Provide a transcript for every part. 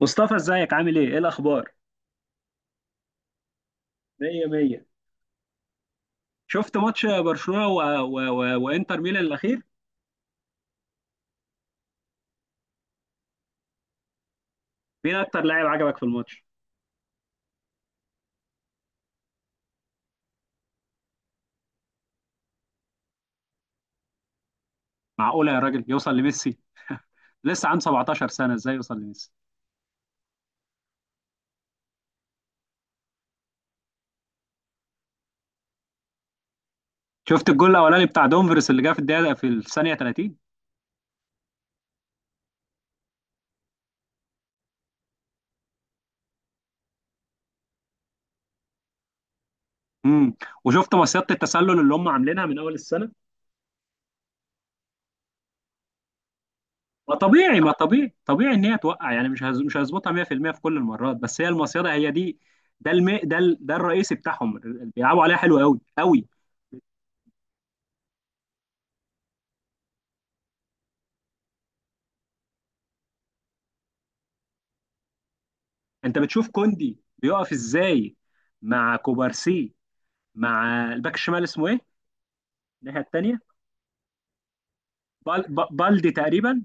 مصطفى، ازيك؟ عامل ايه؟ ايه الاخبار؟ مية مية. شفت ماتش برشلونة وانتر ميلان الاخير؟ مين اكتر لاعب عجبك في الماتش؟ معقولة يا راجل يوصل لميسي؟ لسه عنده 17 سنة، ازاي يوصل لميسي؟ شفت الجول الاولاني بتاع دومفريس اللي جه في الدقيقة، في الثانية 30؟ امم. وشفت مصيدة التسلل اللي هم عاملينها من اول السنة؟ ما طبيعي ما طبيعي طبيعي، ان هي توقع، يعني مش هظبطها 100% في كل المرات، بس هي المصيدة هي دي. ده الم... ده ال... ده الرئيسي بتاعهم. بيلعبوا عليها حلو قوي قوي. انت بتشوف كوندي بيقف ازاي مع كوبارسي، مع الباك الشمال اسمه ايه، الناحيه التانيه؟ بالدي تقريبا.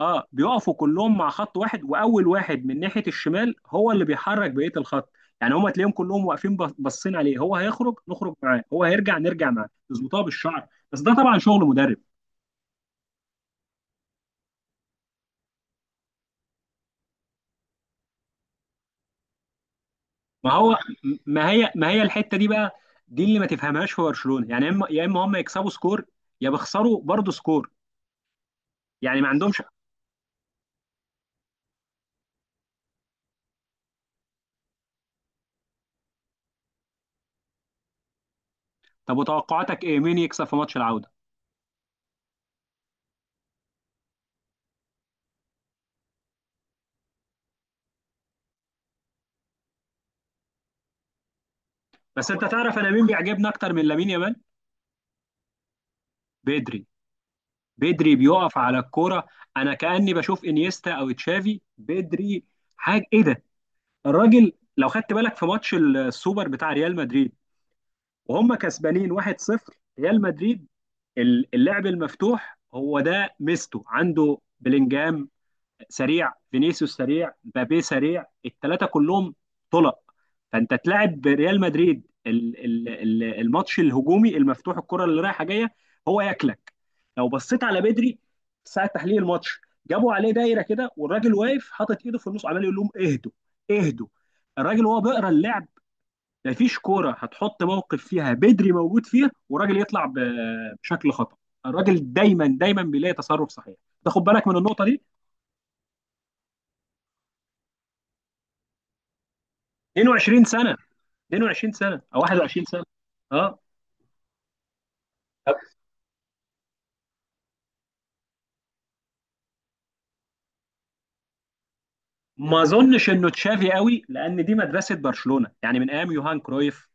اه، بيقفوا كلهم مع خط واحد، واول واحد من ناحيه الشمال هو اللي بيحرك بقيه الخط. يعني هما تلاقيهم كلهم واقفين باصين عليه، هو هيخرج نخرج معاه، هو هيرجع نرجع معاه، يظبطوها بالشعر. بس ده طبعا شغل مدرب. ما هو. ما هي الحته دي بقى. دي اللي ما تفهمهاش في برشلونه، يعني يا اما هم يكسبوا سكور، يا بيخسروا برضه سكور. يعني ما عندهمش. طب، وتوقعاتك ايه؟ مين يكسب في ماتش العودة؟ بس انت تعرف، انا مين بيعجبني اكتر من لامين يامال؟ بدري. بدري بيقف على الكورة. انا كأني بشوف انيستا او تشافي. بدري، حاجة، ايه ده! الراجل، لو خدت بالك في ماتش السوبر بتاع ريال مدريد، وهم كسبانين 1-0، ريال مدريد. اللعب المفتوح هو ده ميزته. عنده بلينجهام سريع، فينيسيوس سريع، مبابي سريع، الثلاثه كلهم طلق. فانت تلعب ريال مدريد، الماتش الهجومي المفتوح، الكره اللي رايحه جايه، هو ياكلك. لو بصيت على بدري ساعه تحليل الماتش، جابوا عليه دايره كده، والراجل واقف حاطط ايده في النص، عمال يقول لهم اهدوا، اهدوا. الراجل وهو بيقرا اللعب، مفيش كوره هتحط موقف فيها بدري موجود فيها والراجل يطلع بشكل خطا. الراجل دايما دايما بيلاقي تصرف صحيح. تاخد بالك من النقطه دي. 22 سنه. 22 سنه، او 21 سنه. اه. طب، ما اظنش انه تشافي قوي، لان دي مدرسه برشلونه، يعني من ايام يوهان كرويف.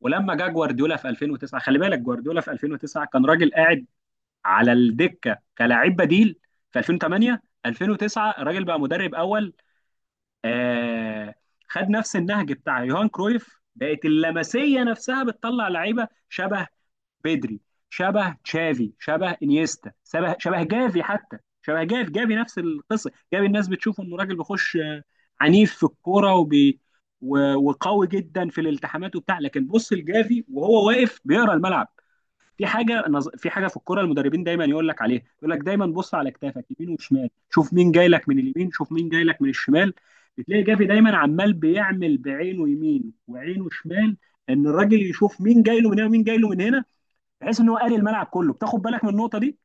ولما جه جوارديولا في 2009، خلي بالك، جوارديولا في 2009 كان راجل قاعد على الدكه كلاعب بديل. في 2008، 2009 الراجل بقى مدرب اول. آه خد نفس النهج بتاع يوهان كرويف، بقت اللمسيه نفسها بتطلع لعيبه شبه بدري، شبه تشافي، شبه انيستا، شبه جافي حتى. شبه جافي. جافي نفس القصه. جافي الناس بتشوفه انه راجل بيخش عنيف في الكوره، وقوي جدا في الالتحامات وبتاع. لكن بص، الجافي وهو واقف بيقرا الملعب، في حاجه في الكوره المدربين دايما يقول لك عليها، يقول لك دايما بص على كتافك يمين وشمال، شوف مين جاي لك من اليمين، شوف مين جاي لك من الشمال. بتلاقي جافي دايما عمال بيعمل بعينه يمين وعينه شمال، ان الراجل يشوف مين جاي له من هنا ومين جاي له من هنا، بحيث ان هو قاري الملعب كله. بتاخد بالك من النقطه دي.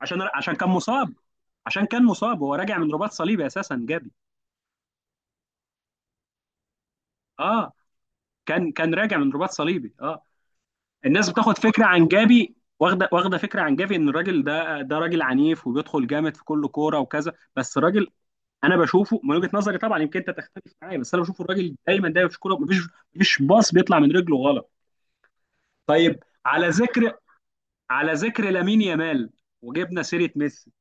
عشان كان مصاب. عشان كان مصاب، هو راجع من رباط صليبي اساسا، جابي. اه، كان راجع من رباط صليبي، اه. الناس بتاخد فكره عن جابي، واخده فكره عن جافي، ان الراجل ده راجل عنيف وبيدخل جامد في كل كوره وكذا. بس الراجل، انا بشوفه من وجهه نظري طبعا، يمكن انت تختلف معايا، بس انا بشوف الراجل دايما دايما في كوره، مفيش باص بيطلع من رجله غلط. طيب، على ذكر لامين يامال، وجبنا سيره ميسي،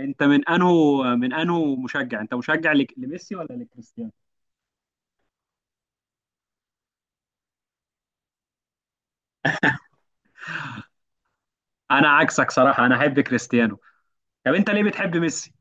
انت من انهو مشجع؟ انت مشجع لميسي ولا لكريستيانو؟ انا عكسك صراحه، انا احب كريستيانو. طب انت ليه بتحب ميسي؟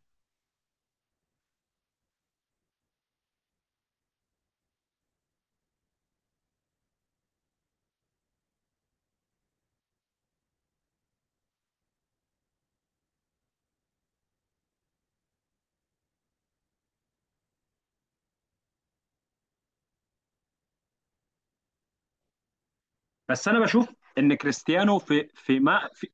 بس انا بشوف ان كريستيانو في في ما في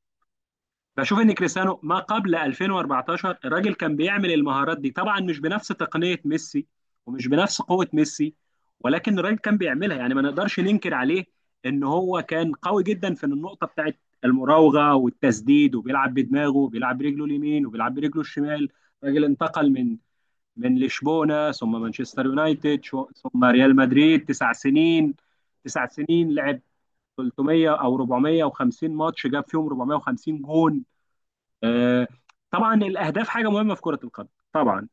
بشوف ان كريستيانو ما قبل 2014، الراجل كان بيعمل المهارات دي، طبعا مش بنفس تقنيه ميسي ومش بنفس قوه ميسي، ولكن الراجل كان بيعملها. يعني ما نقدرش ننكر عليه ان هو كان قوي جدا في النقطه بتاعت المراوغه والتسديد، وبيلعب بدماغه، وبيلعب برجله اليمين، وبيلعب برجله الشمال. راجل انتقل من لشبونة، ثم مانشستر يونايتد، ثم ريال مدريد، تسع سنين. لعب 300 او 450 ماتش، جاب فيهم 450 جون. آه، طبعا الاهداف حاجه مهمه في كره القدم، طبعا.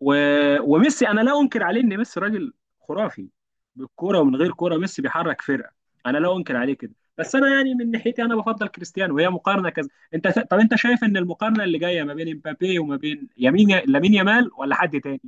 وميسي، انا لا انكر عليه ان ميسي راجل خرافي بالكوره، ومن غير كوره ميسي بيحرك فرقه، انا لا انكر عليه كده. بس انا يعني من ناحيتي انا بفضل كريستيانو، وهي مقارنه كذا. طب انت شايف ان المقارنه اللي جايه ما بين امبابي وما بين لامين يامال، ولا حد تاني؟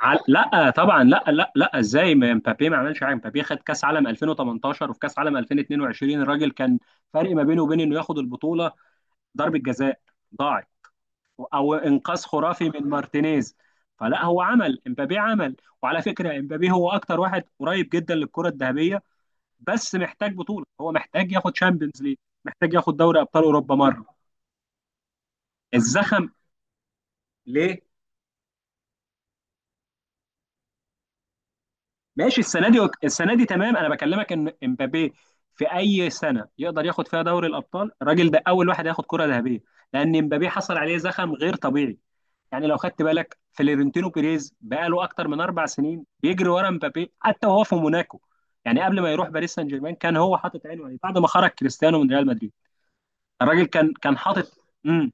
لا، طبعا لا لا لا، ازاي؟ مبابي ما عملش حاجه؟ مبابي خد كاس عالم 2018، وفي كاس عالم 2022 الراجل كان فرق ما بينه وبين انه ياخد البطوله ضربه جزاء ضاعت، او انقاذ خرافي من مارتينيز. فلا، هو عمل، مبابي عمل. وعلى فكره، مبابي هو اكتر واحد قريب جدا للكره الذهبيه، بس محتاج بطوله، هو محتاج ياخد شامبيونز ليج، محتاج ياخد دوري ابطال اوروبا مره. الزخم، ليه؟ ماشي، السنه دي، السنه دي تمام، انا بكلمك ان امبابي في اي سنه يقدر ياخد فيها دوري الابطال، الراجل ده اول واحد هياخد كره ذهبيه. لان امبابي حصل عليه زخم غير طبيعي، يعني لو خدت بالك فلورنتينو بيريز بقاله اكتر من اربع سنين بيجري ورا امبابي، حتى وهو في موناكو، يعني قبل ما يروح باريس سان جيرمان كان هو حاطط عينه عليه. بعد ما خرج كريستيانو من ريال مدريد، الراجل كان حاطط امم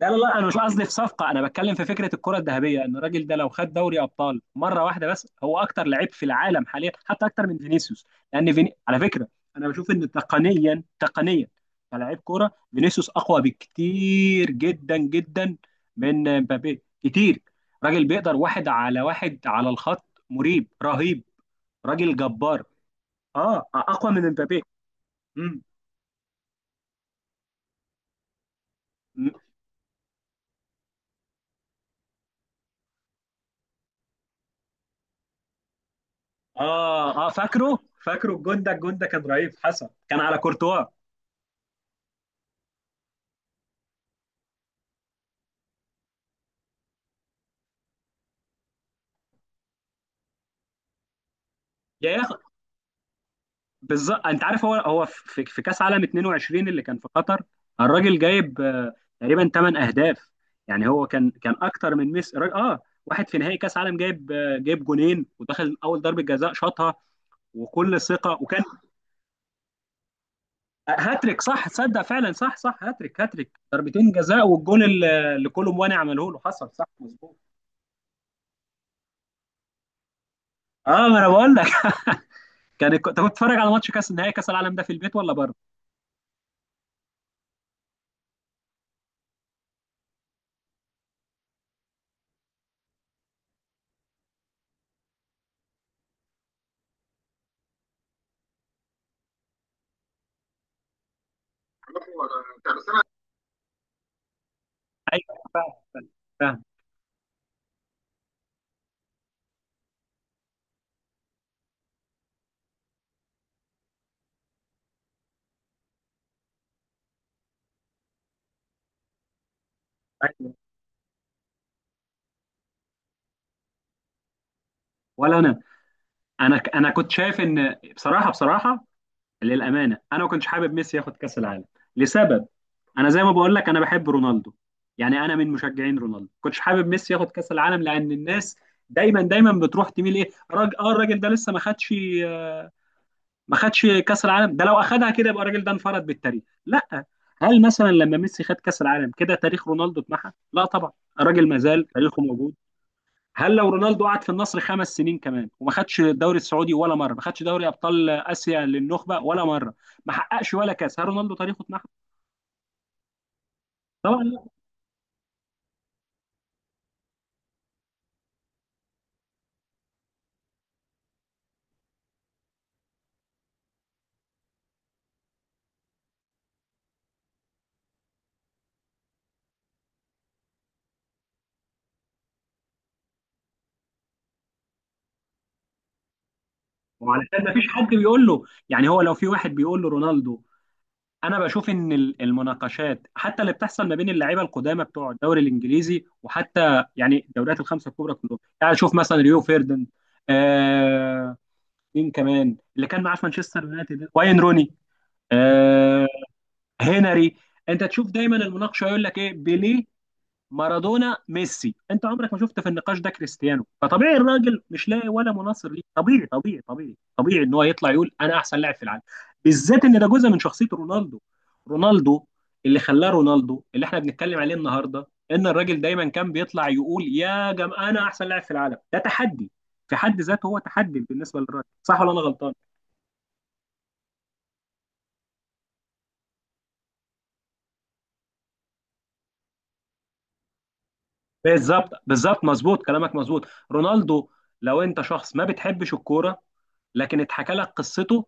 لا لا لا، انا مش قصدي في صفقه، انا بتكلم في فكره الكره الذهبيه، ان الراجل ده لو خد دوري ابطال مره واحده بس، هو اكتر لعيب في العالم حاليا، حتى اكتر من فينيسيوس. لان على فكره، انا بشوف ان تقنيا كلاعب كوره فينيسيوس اقوى بكتير جدا جدا من مبابي، كتير. راجل بيقدر واحد على واحد على الخط، مريب، رهيب، راجل جبار. اه، اقوى من مبابي. مم. مم. اه اه، فاكره. فاكره الجون ده، الجون ده كان رهيب، حصل كان على كورتوا. يا بالظبط، انت عارف، هو في كاس عالم 22 اللي كان في قطر، الراجل جايب تقريبا 8 اهداف، يعني هو كان اكتر من ميسي. اه، واحد في نهائي كاس عالم، جايب جونين، ودخل اول ضربه جزاء شاطها وكل ثقه، وكان هاتريك، صح. تصدق فعلا، صح صح، هاتريك، هاتريك، ضربتين جزاء، والجون اللي كولو مواني عمله له، حصل، صح مظبوط. اه، ما انا بقول لك. كان انت كنت بتتفرج على ماتش كاس نهائي كاس العالم ده في البيت، ولا بره؟ ايوه، فاهم، فاهم، فاهم. أيوة. ولا انا كنت شايف ان، بصراحه، للامانه انا ما كنتش حابب ميسي ياخد كاس العالم. لسبب، انا زي ما بقول لك، انا بحب رونالدو، يعني انا من مشجعين رونالدو. ما كنتش حابب ميسي ياخد كاس العالم، لان الناس دايما دايما بتروح تميل، ايه راجل، اه الراجل ده لسه آه، ما خدش كاس العالم، ده لو اخدها كده يبقى الراجل ده انفرد بالتاريخ. لا، هل مثلا لما ميسي خد كاس العالم كده، تاريخ رونالدو اتمحى؟ لا طبعا، الراجل ما زال تاريخه موجود. هل لو رونالدو قعد في النصر خمس سنين كمان وما خدش الدوري السعودي ولا مره، ما خدش دوري ابطال اسيا للنخبه ولا مره، ما حققش ولا كاس، هل رونالدو تاريخه اتمحى؟ طبعا لا. وعلشان ما فيش حد بيقول له، يعني هو لو في واحد بيقول له، رونالدو. انا بشوف ان المناقشات حتى اللي بتحصل ما بين اللعيبه القدامى بتوع الدوري الانجليزي، وحتى يعني الدوريات الخمسه الكبرى كلهم، يعني شوف مثلا ريو فيردن، آه مين كمان اللي كان معاه في مانشستر يونايتد، واين روني، آه، هنري، انت تشوف دايما المناقشه يقول لك ايه؟ بيليه، مارادونا، ميسي. انت عمرك ما شفت في النقاش ده كريستيانو. فطبيعي الراجل مش لاقي ولا مناصر ليه، طبيعي ان هو يطلع يقول انا احسن لاعب في العالم، بالذات ان ده جزء من شخصيه رونالدو. رونالدو اللي خلاه رونالدو اللي احنا بنتكلم عليه النهارده، ان الراجل دايما كان بيطلع يقول يا جماعه انا احسن لاعب في العالم. ده تحدي في حد ذاته، هو تحدي بالنسبه للراجل، صح ولا انا غلطان؟ بالظبط، بالظبط، مظبوط كلامك، مظبوط. رونالدو، لو انت شخص ما بتحبش الكوره، لكن اتحكى لك قصته،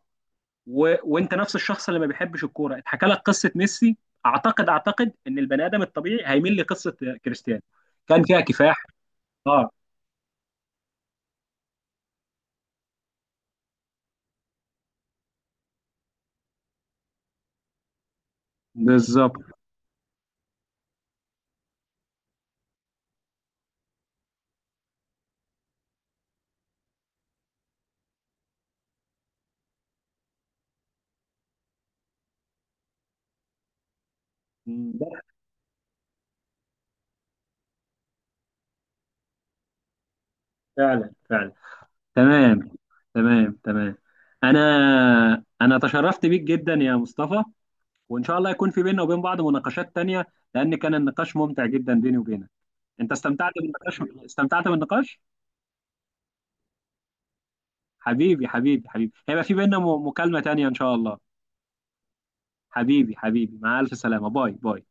وانت نفس الشخص اللي ما بيحبش الكوره، اتحكى لك قصه ميسي، اعتقد، ان البني ادم الطبيعي هيميل لقصه كريستيانو، كان فيها كفاح. اه، بالظبط. ده فعلا فعلا، تمام تمام تمام. انا انا تشرفت بيك جدا يا مصطفى، وان شاء الله يكون في بيننا وبين بعض مناقشات تانية، لان كان النقاش ممتع جدا بيني وبينك. انت استمتعت بالنقاش، استمتعت بالنقاش. حبيبي، حبيبي، حبيبي، هيبقى في بيننا مكالمة تانية ان شاء الله. حبيبي، حبيبي، مع الف سلامة، باي باي.